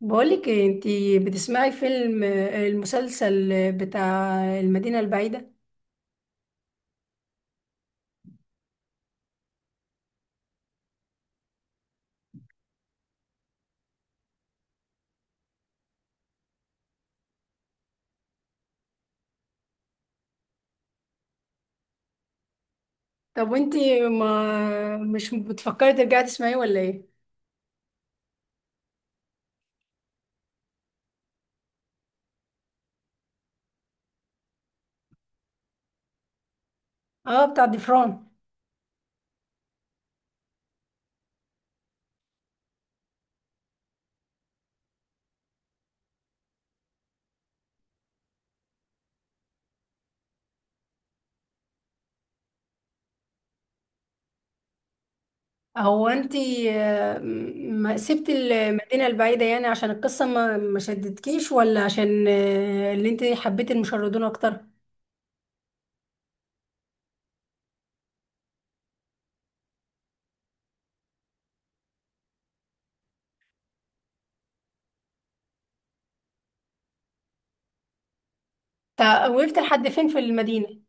بقولك إيه، انتي بتسمعي فيلم المسلسل بتاع المدينة البعيدة؟ طب وانتي ما مش بتفكري ترجعي تسمعيه ولا ايه؟ اه، بتاع ضفران. هو انتي، ما سبتي المدينة البعيدة يعني عشان القصة ما شدتكيش، ولا عشان اللي انتي حبيتي المشردون اكتر؟ وقفت لحد فين في المدينة؟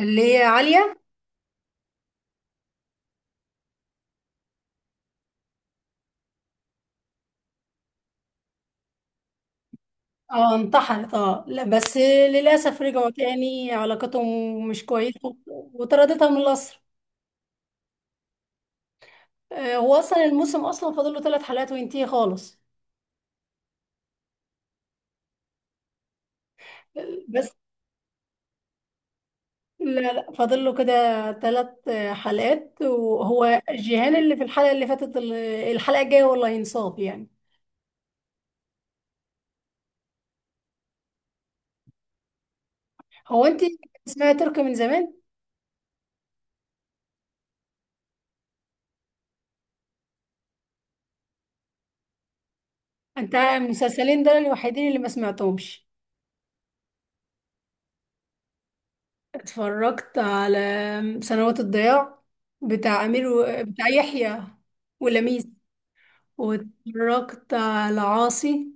اللي هي عالية. اه، انتحرت. اه لا، بس للأسف رجعوا تاني علاقتهم مش كويسة وطردتها من القصر. هو اصلا الموسم اصلا فاضل له 3 حلقات وينتهي خالص. بس لا لا، فاضل له كده 3 حلقات، وهو جيهان اللي في الحلقه اللي فاتت، الحلقه الجايه والله ينصاب يعني. هو انت اسمها تركي من زمان. انت المسلسلين دول الوحيدين اللي ما سمعتهمش. اتفرجت على سنوات الضياع، بتاع امير بتاع يحيى ولميس، واتفرجت على عاصي.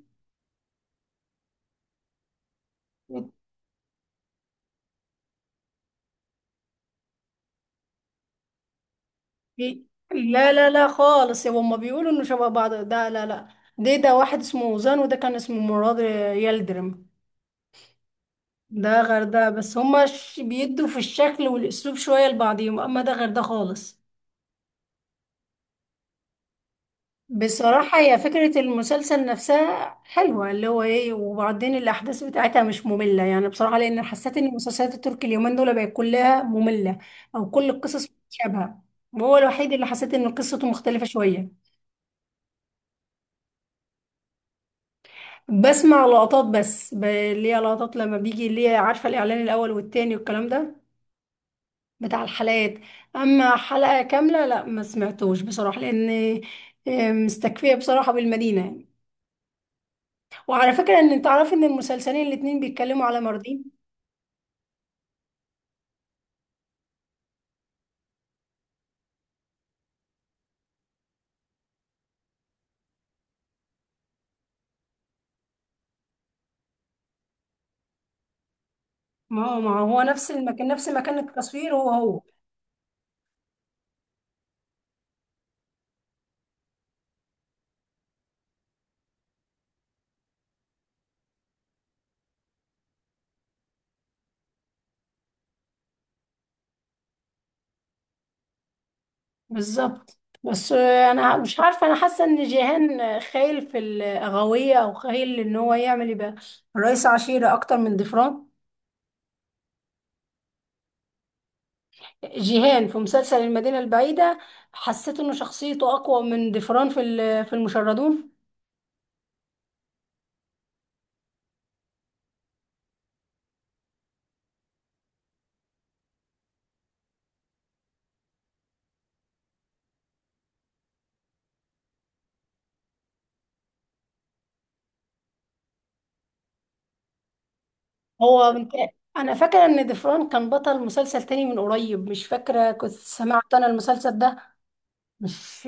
إيه؟ لا لا لا خالص، يا هما بيقولوا انه شبه بعض، ده لا لا. ده واحد اسمه وزان، وده كان اسمه مراد يلدرم. ده غير ده، بس هما ش- بيدوا في الشكل والاسلوب شوية لبعضهم، اما ده غير ده خالص. بصراحة هي فكرة المسلسل نفسها حلوة، اللي هو ايه، وبعدين الأحداث بتاعتها مش مملة يعني بصراحة، لأن حسيت إن المسلسلات التركي اليومين دول بقت كلها مملة، أو كل القصص متشابهة، وهو الوحيد اللي حسيت إن قصته مختلفة شوية. بسمع لقطات بس، ب- اللي هي لقطات لما بيجي، اللي هي عارفة الإعلان الأول والتاني والكلام ده بتاع الحلقات. أما حلقة كاملة لا، ما سمعتوش بصراحة، لأن مستكفية بصراحة بالمدينة يعني. وعلى فكرة، إن تعرف إن المسلسلين الاتنين بيتكلموا على ماردين. ما هو نفس المكان، نفس مكان التصوير هو هو. بالظبط. بس أنا مش عارفة، أنا حاسة إن جيهان خايل في الأغاوية، أو خايل إن هو يعمل يبقى رئيس عشيرة أكتر من ضفران. جيهان في مسلسل المدينة البعيدة حسيت إن شخصيته أقوى من ضفران في في المشردون. هو من أنا فاكرة إن ضفران كان بطل مسلسل تاني من قريب، مش فاكرة كنت سمعت أنا المسلسل ده مش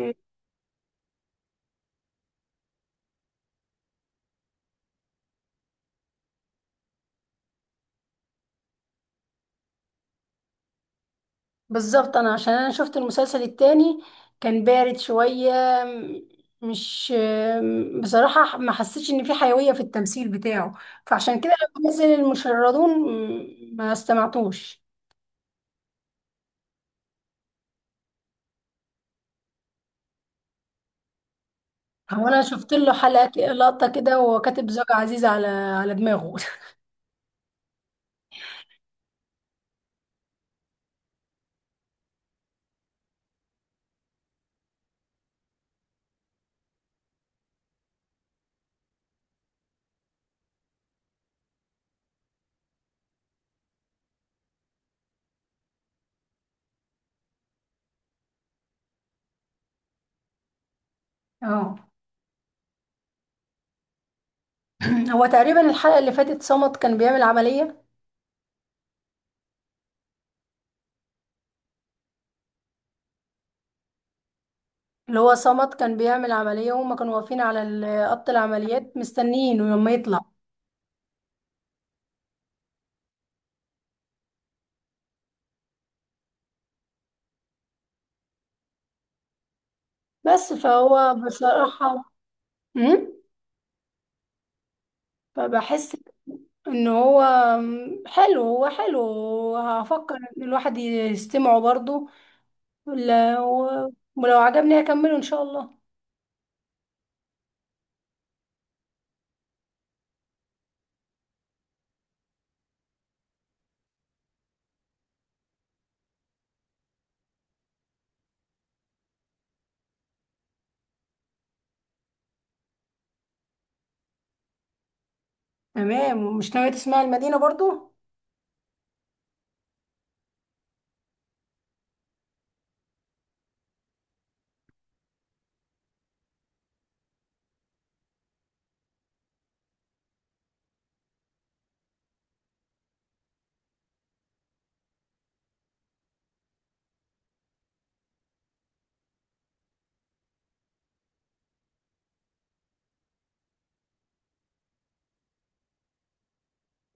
بالظبط. أنا عشان أنا شفت المسلسل التاني كان بارد شوية، م- مش بصراحة ما حسيتش إن في حيوية في التمثيل بتاعه، فعشان كده لما نزل المشردون ما استمعتوش. هو انا شفت له لقطه كده، وهو كاتب زوجة عزيزة على دماغه. اه. هو تقريبا الحلقه اللي فاتت صمت كان بيعمل عمليه. اللي هو صمت كان بيعمل عمليه، وهما كانوا واقفين على خط العمليات مستنيين لما يطلع. بس فهو بصراحه، امم، فبحس ان هو حلو، هو حلو. هفكر ان الواحد يستمعه برضه، ولا- ولو عجبني هكمله ان شاء الله. تمام، ومش ناوية تسمعي المدينه برضه؟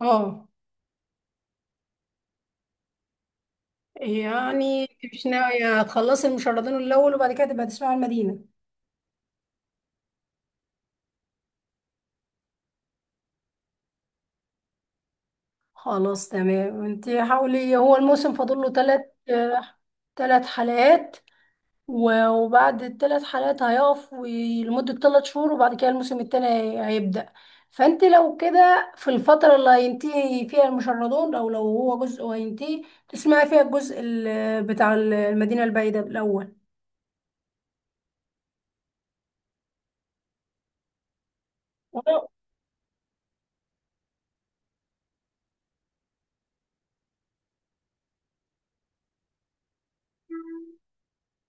اه، يعني انت مش ناوية تخلصي المشردين الأول، وبعد كده تبقى تسمعي المدينة؟ خلاص تمام، انت حاولي. هو الموسم فاضل له ثلاث حلقات، و- وبعد الـ3 حلقات هيقف لمدة 3 شهور، وبعد كده الموسم التاني هيبدأ. فانت لو كده في الفترة اللي هينتهي فيها المشردون، او لو هو جزء وهينتهي، تسمعي فيها الجزء بتاع المدينة البعيدة الأول.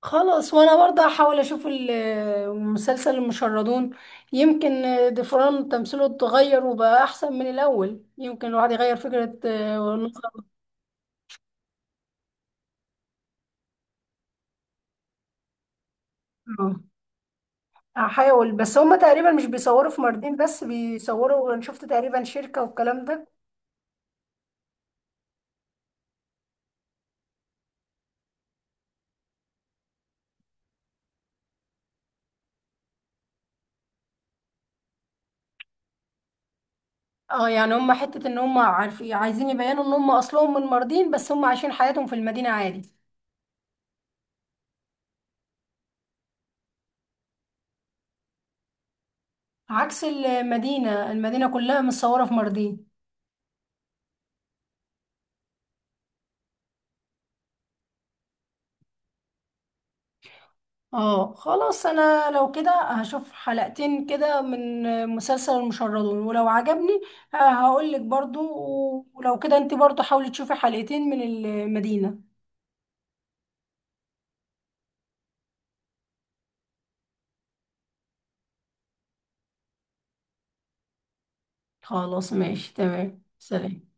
خلاص، وانا برضه هحاول اشوف مسلسل المشردون. يمكن دفران تمثيله اتغير وبقى احسن من الاول، يمكن الواحد يغير فكرة ونظرة عنه. هحاول، بس هما تقريبا مش بيصوروا في ماردين بس، بيصوروا، انا شفت تقريبا شركة والكلام ده. اه يعني، هما حتة ان هما عارفين عايزين يبينوا ان هما اصلهم من ماردين، بس هما عايشين حياتهم في المدينة عادي. عكس المدينة، المدينة كلها متصورة في ماردين. اه خلاص، انا لو كده هشوف حلقتين كده من مسلسل المشردون، ولو عجبني هقول لك برضو، ولو كده انت برضو حاولي تشوفي حلقتين من المدينة. خلاص ماشي، تمام، سلام.